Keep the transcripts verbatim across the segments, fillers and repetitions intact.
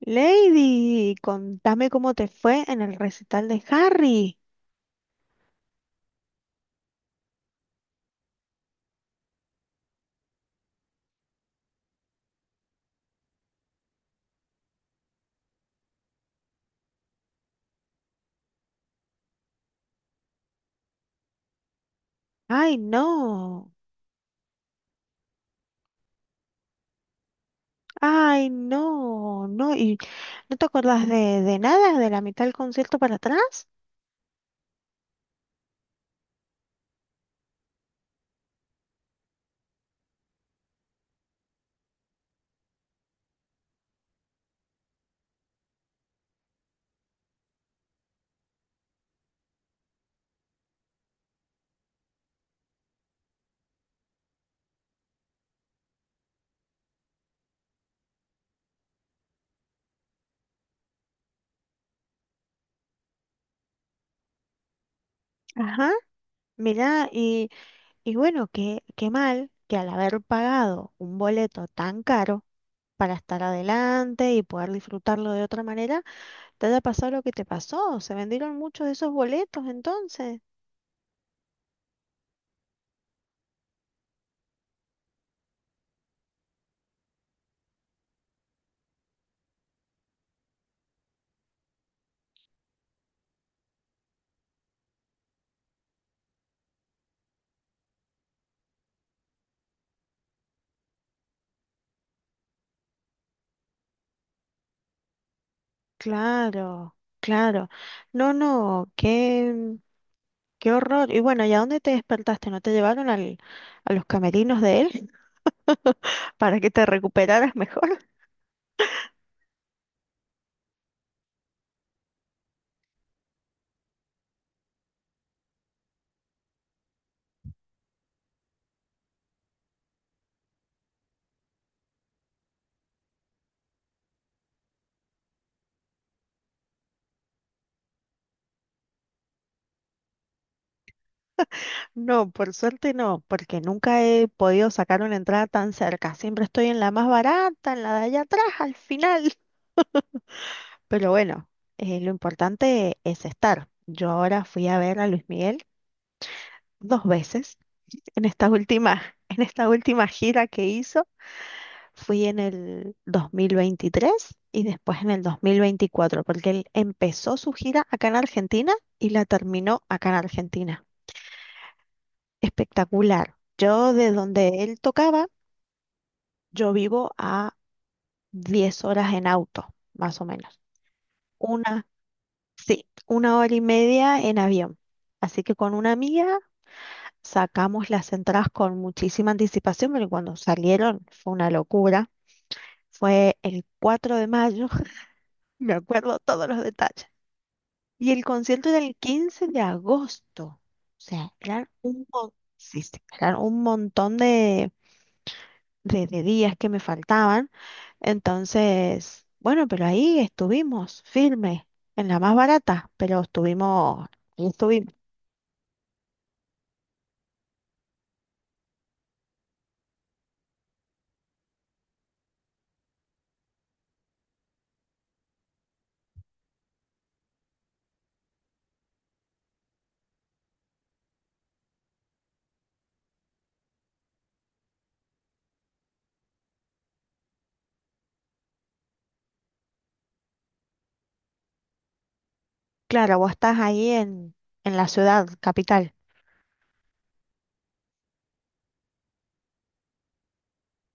Lady, contame cómo te fue en el recital de Harry. Ay, no. Ay, no. No, y no te acordás de, de nada, de la mitad del concierto para atrás. Ajá. Mirá, y, y bueno, qué, qué mal que al haber pagado un boleto tan caro para estar adelante y poder disfrutarlo de otra manera, te haya pasado lo que te pasó. Se vendieron muchos de esos boletos entonces. Claro, claro. No, no, qué. Qué horror. Y bueno, ¿y a dónde te despertaste? ¿No te llevaron al, a los camerinos de él para que te recuperaras mejor? No, por suerte no, porque nunca he podido sacar una entrada tan cerca. Siempre estoy en la más barata, en la de allá atrás, al final. Pero bueno, eh, lo importante es estar. Yo ahora fui a ver a Luis Miguel dos veces en esta última, en esta última gira que hizo. Fui en el dos mil veintitrés y después en el dos mil veinticuatro, porque él empezó su gira acá en Argentina y la terminó acá en Argentina. Espectacular. Yo de donde él tocaba, yo vivo a diez horas en auto, más o menos. Una, sí, una hora y media en avión. Así que con una amiga sacamos las entradas con muchísima anticipación, pero cuando salieron fue una locura. Fue el cuatro de mayo, me acuerdo todos los detalles. Y el concierto era el quince de agosto. O sea, eran un, mon- sí, sí, eran un montón de, de- de días que me faltaban. Entonces, bueno, pero ahí estuvimos, firme, en la más barata, pero estuvimos, ahí estuvimos. Claro, vos estás ahí en, en la ciudad capital.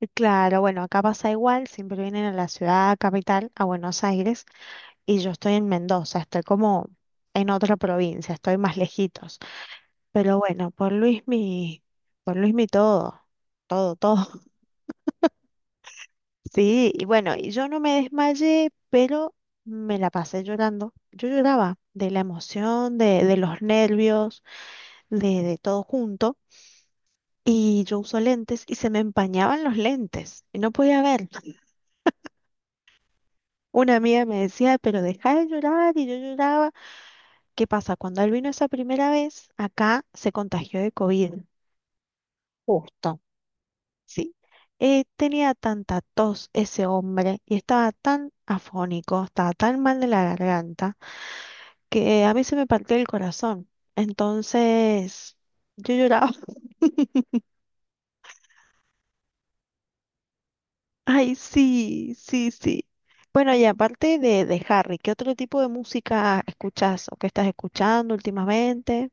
Y claro, bueno, acá pasa igual, siempre vienen a la ciudad capital, a Buenos Aires, y yo estoy en Mendoza, estoy como en otra provincia, estoy más lejitos. Pero bueno, por Luismi, por Luismi todo, todo, todo. Sí, y bueno, y yo no me desmayé, pero me la pasé llorando. Yo lloraba de la emoción, de, de los nervios, de, de todo junto. Y yo uso lentes y se me empañaban los lentes y no podía ver. Una amiga me decía, pero deja de llorar y yo lloraba. ¿Qué pasa? Cuando él vino esa primera vez, acá se contagió de COVID, justo. Sí, eh, tenía tanta tos ese hombre y estaba tan afónico, estaba tan mal de la garganta, que a mí se me partió el corazón. Entonces, yo lloraba. Ay, sí, sí, sí. Bueno, y aparte de, de Harry, ¿qué otro tipo de música escuchas o qué estás escuchando últimamente?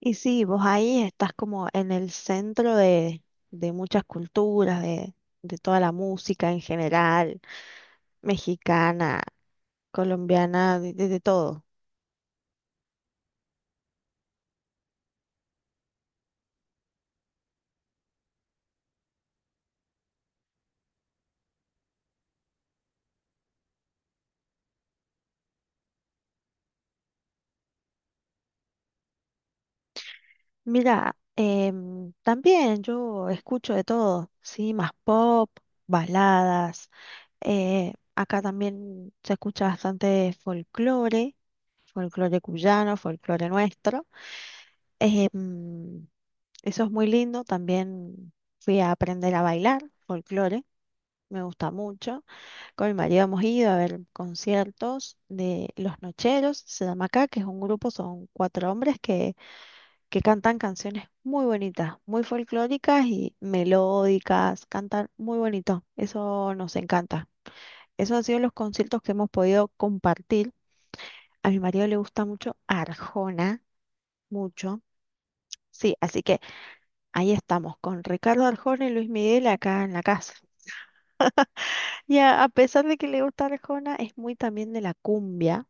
Y sí, vos ahí estás como en el centro de, de muchas culturas, de, de toda la música en general, mexicana, colombiana, de, de- de todo. Mira, em, también yo escucho de todo, sí, más pop, baladas. Eh, acá también se escucha bastante folclore, folclore cuyano, folclore nuestro. em, Eso es muy lindo. También fui a aprender a bailar folclore. Me gusta mucho. Con mi marido hemos ido a ver conciertos de Los Nocheros, se llama acá, que es un grupo, son cuatro hombres que que cantan canciones muy bonitas, muy folclóricas y melódicas, cantan muy bonito, eso nos encanta. Esos han sido los conciertos que hemos podido compartir. A mi marido le gusta mucho Arjona, mucho. Sí, así que ahí estamos con Ricardo Arjona y Luis Miguel acá en la casa. Y a, a pesar de que le gusta Arjona, es muy también de la cumbia.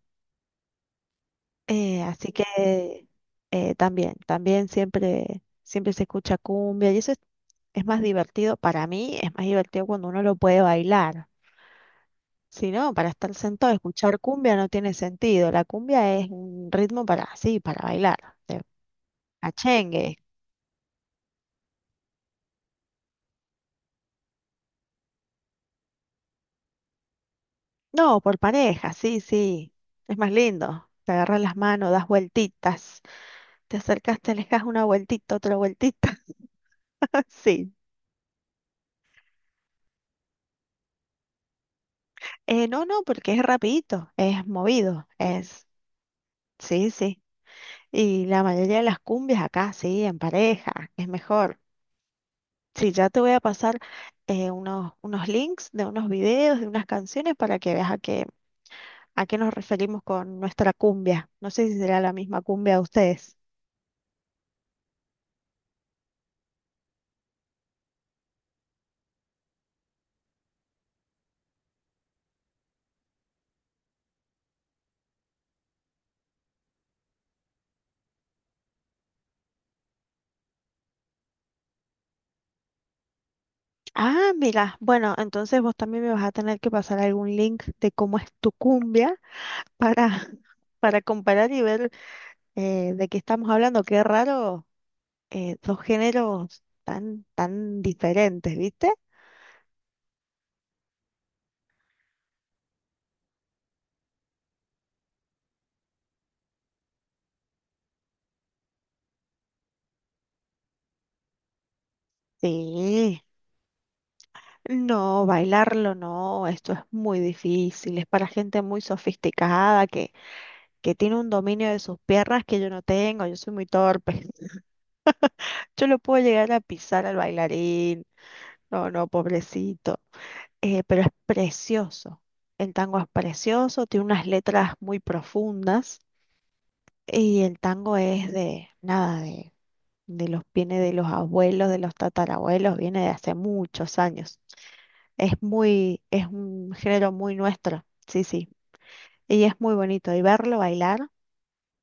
Eh, así que eh, también, también siempre, siempre se escucha cumbia y eso es, es más divertido, para mí es más divertido cuando uno lo puede bailar. Si no, para estar sentado, escuchar cumbia no tiene sentido. La cumbia es un ritmo para, sí, para bailar, de cachengue. No, por pareja, sí, sí, es más lindo. Te agarras las manos, das vueltitas, te acercas, te alejas una vueltita, otra vueltita, sí. Eh, no, no, porque es rapidito, es movido, es... Sí, sí. Y la mayoría de las cumbias acá, sí, en pareja, es mejor. Sí, ya te voy a pasar eh, unos, unos links de unos videos, de unas canciones para que veas a qué, a qué nos referimos con nuestra cumbia. No sé si será la misma cumbia a ustedes. Ah, mira, bueno, entonces vos también me vas a tener que pasar algún link de cómo es tu cumbia para, para comparar y ver eh, de qué estamos hablando. Qué raro, eh, dos géneros tan, tan diferentes, ¿viste? Sí. No, bailarlo no, esto es muy difícil, es para gente muy sofisticada que, que tiene un dominio de sus piernas que yo no tengo, yo soy muy torpe. Yo lo puedo llegar a pisar al bailarín, no, no, pobrecito. Eh, pero es precioso. El tango es precioso, tiene unas letras muy profundas y el tango es de, nada, de, de los, viene de los abuelos, de los tatarabuelos, viene de hace muchos años. Es muy, es un género muy nuestro. Sí, sí. Y es muy bonito. Y verlo bailar,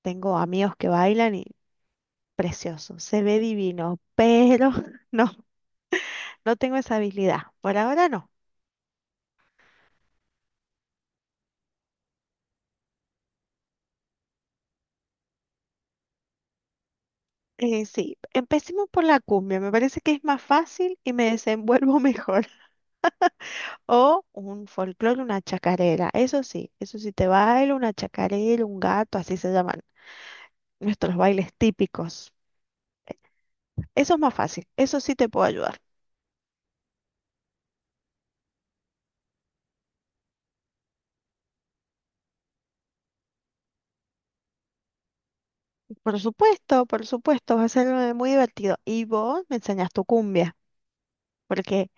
tengo amigos que bailan y precioso, se ve divino, pero no, no tengo esa habilidad. Por ahora no. Eh, sí, empecemos por la cumbia, me parece que es más fácil y me desenvuelvo mejor. O un folclore, una chacarera, eso sí, eso sí te bailo, una chacarera, un gato, así se llaman nuestros bailes típicos. Eso es más fácil, eso sí te puedo ayudar. Por supuesto, por supuesto, va a ser eh, muy divertido. Y vos me enseñas tu cumbia, porque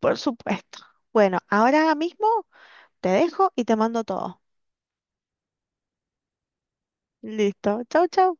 por supuesto. Bueno, ahora mismo te dejo y te mando todo. Listo. Chau, chau.